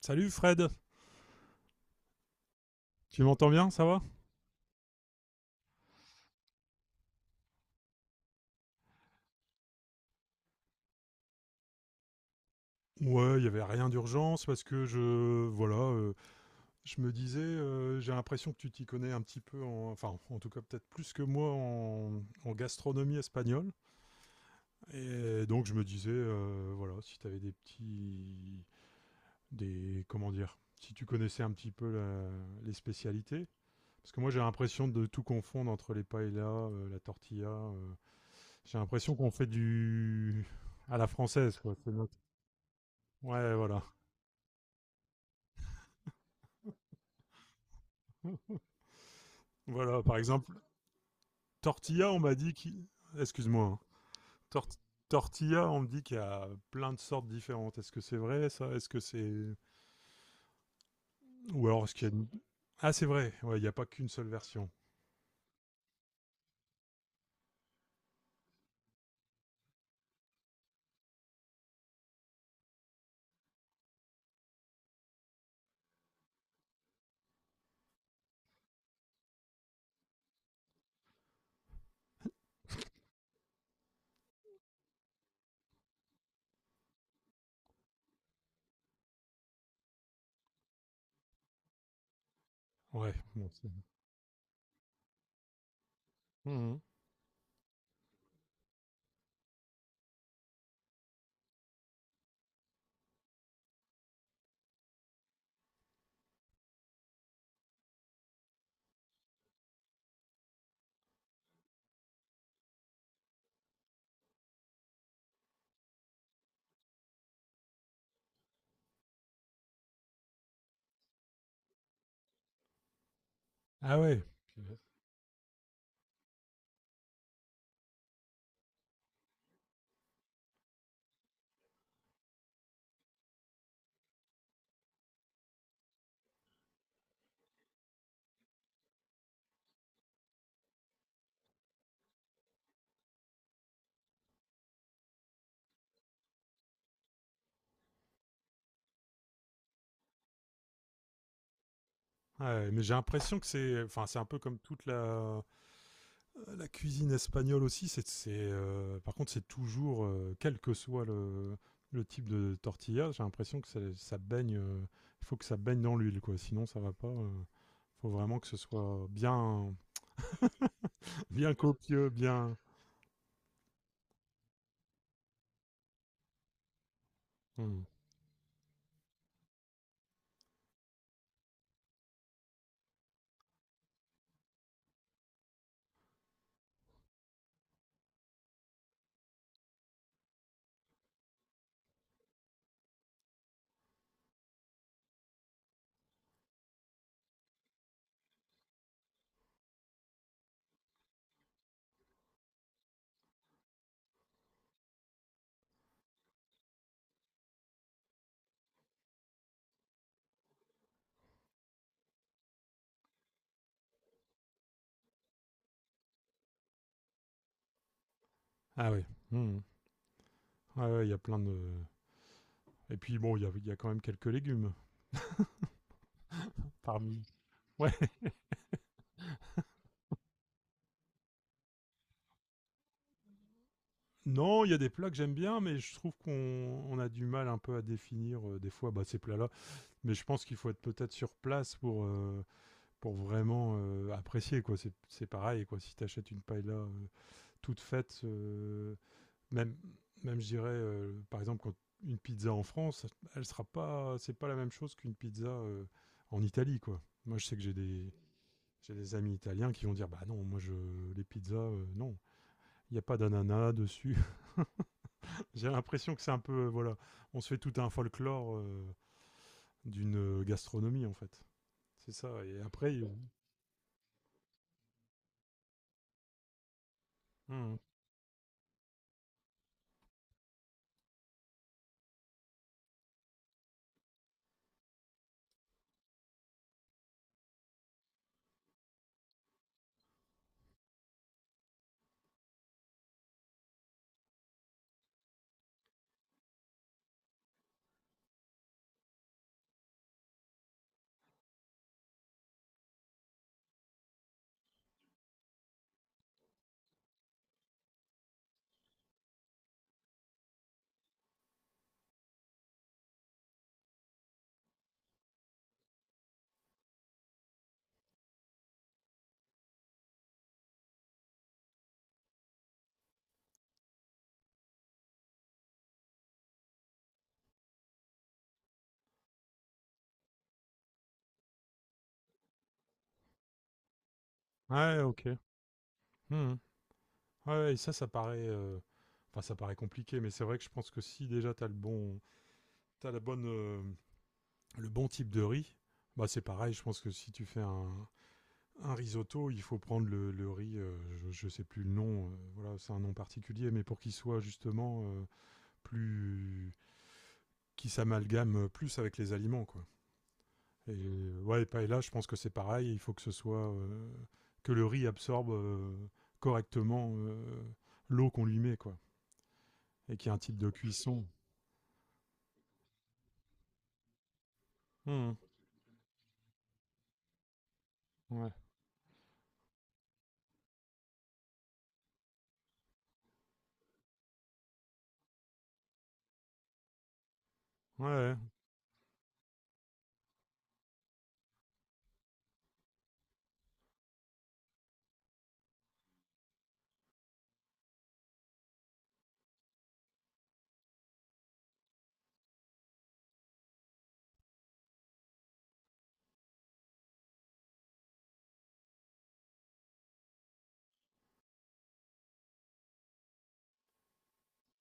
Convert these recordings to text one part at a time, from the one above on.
Salut Fred, tu m'entends bien, ça va. Ouais, il y avait rien d'urgence parce que je voilà, je me disais j'ai l'impression que tu t'y connais un petit peu en enfin en tout cas peut-être plus que moi en gastronomie espagnole et donc je me disais voilà, si tu avais des petits des comment dire, si tu connaissais un petit peu les spécialités parce que moi j'ai l'impression de tout confondre entre les paellas, la tortilla, j'ai l'impression qu'on fait du à la française quoi, c'est notre. Ouais, voilà. Voilà, par exemple, tortilla, on m'a dit qu'il... Excuse-moi, hein. Tor- tortilla, on me dit qu'il y a plein de sortes différentes. Est-ce que c'est vrai, ça? Est-ce que c'est... ou alors, est-ce qu'il y a... une- Ah, c'est vrai. Ouais, il n'y a pas qu'une seule version. Ouais, bon, c'est-. Mhm. Ah ouais. Ouais, mais j'ai l'impression que c'est... enfin, c'est un peu comme toute la... la cuisine espagnole aussi, c'est par contre, c'est toujours, quel que soit le type de tortilla, j'ai l'impression que ça baigne, il faut que ça baigne dans l'huile, quoi. Sinon, ça va pas. Faut vraiment que ce soit bien, bien copieux, bien. Hmm. Ah oui. Hmm. Ah ouais, il y a plein de. Et puis bon, il y a quand même quelques légumes parmi. Ouais. Non, il y a des plats que j'aime bien, mais je trouve qu'on on a du mal un peu à définir des fois bah, ces plats-là. Mais je pense qu'il faut être peut-être sur place pour vraiment apprécier quoi. C'est pareil quoi. Si tu achètes une paella toute faite, même même je dirais par exemple quand une pizza en France, elle sera pas, c'est pas la même chose qu'une pizza en Italie quoi. Moi je sais que j'ai des amis italiens qui vont dire bah non moi je les pizzas non il n'y a pas d'ananas dessus. J'ai l'impression que c'est un peu voilà on se fait tout un folklore d'une gastronomie en fait. C'est ça et après il-. Mhm. Ouais, ok. Mhm. Ouais, ouais, et ça paraît, enfin, ça paraît compliqué, mais c'est vrai que je pense que si déjà t'as le bon, t'as la bonne, le bon type de riz, bah c'est pareil. Je pense que si tu fais un risotto, il faut prendre le riz, je sais plus le nom, voilà, c'est un nom particulier, mais pour qu'il soit justement plus, qui s'amalgame plus avec les aliments, quoi. Et ouais, et là, je pense que c'est pareil. Il faut que ce soit que le riz absorbe correctement l'eau qu'on lui met, quoi, et qu'il y ait un type de cuisson. Mmh. Ouais. Ouais, ouais,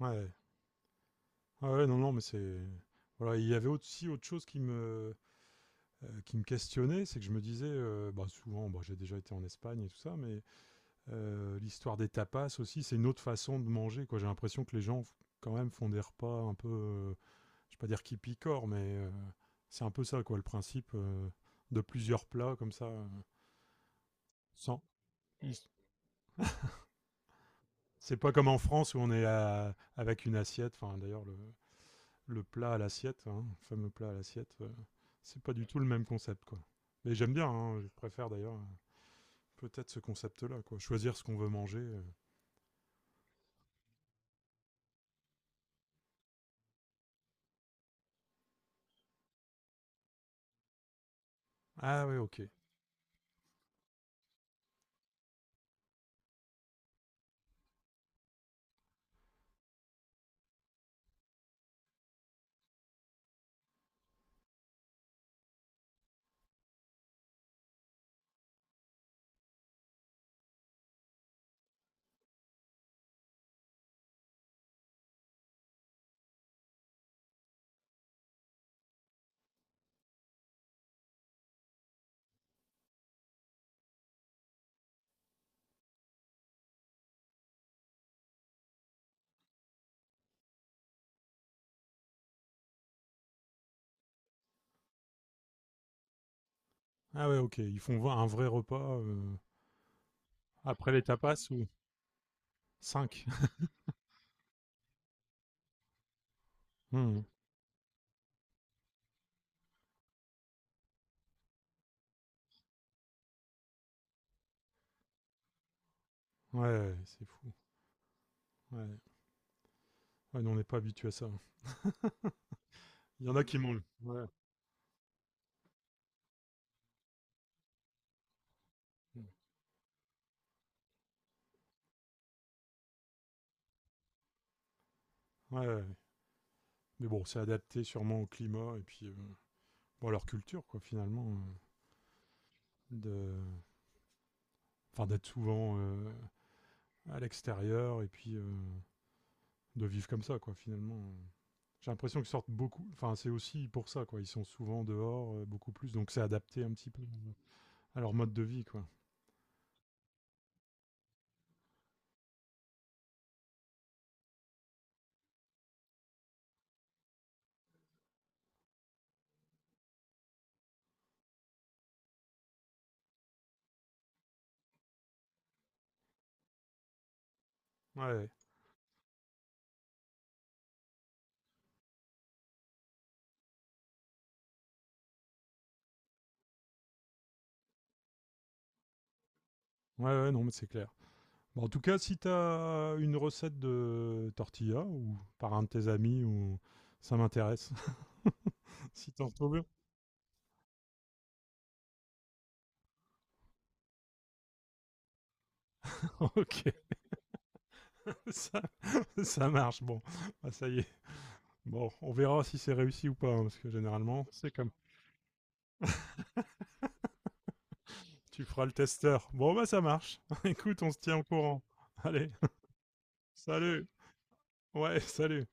ouais. Ouais, ouais, non, non, mais c'est... voilà, il y avait aussi autre chose qui me questionnait, c'est que je me disais, bah, souvent, bah, j'ai déjà été en Espagne et tout ça, mais l'histoire des tapas aussi, c'est une autre façon de manger, quoi. J'ai l'impression que les gens, quand même, font des repas un peu, je vais pas dire qui picorent, mais c'est un peu ça, quoi, le principe de plusieurs plats, comme ça, sans... Mm. C'est pas comme en France où on est avec une assiette, enfin, d'ailleurs, le plat à l'assiette, hein, le fameux plat à l'assiette, c'est pas du tout le même concept, quoi. Mais j'aime bien, hein, je préfère d'ailleurs peut-être ce concept-là, quoi. Choisir ce qu'on veut manger. Ah ouais, ok. Ah ouais, ok. Ils font un vrai repas après les tapas ou 5. Ouais, ouais, c'est fou. Ouais. Ouais, nous, on n'est pas habitué à ça. Il y en a qui mangent. Ouais. Ouais, ouais. Mais bon, c'est adapté sûrement au climat et puis bon, à leur culture, quoi, finalement. De... enfin, d'être souvent à l'extérieur et puis de vivre comme ça, quoi, finalement. J'ai l'impression qu'ils sortent beaucoup. Enfin, c'est aussi pour ça, quoi. Ils sont souvent dehors, beaucoup plus. Donc, c'est adapté un petit peu à leur mode de vie, quoi. Ouais, ouais, ouais, non, mais c'est clair. Bon, en tout cas, si t'as une recette de tortilla ou par un de tes amis ou ça m'intéresse. Si t'en retrouves, une. Ok, ça, ça marche. Bon, ah, ça y est. Bon, on verra si c'est réussi ou pas, hein, parce que généralement, c'est comme. Tu feras le testeur. Bon, bah ça marche. Écoute, on se tient au courant. Allez, salut. Ouais, salut.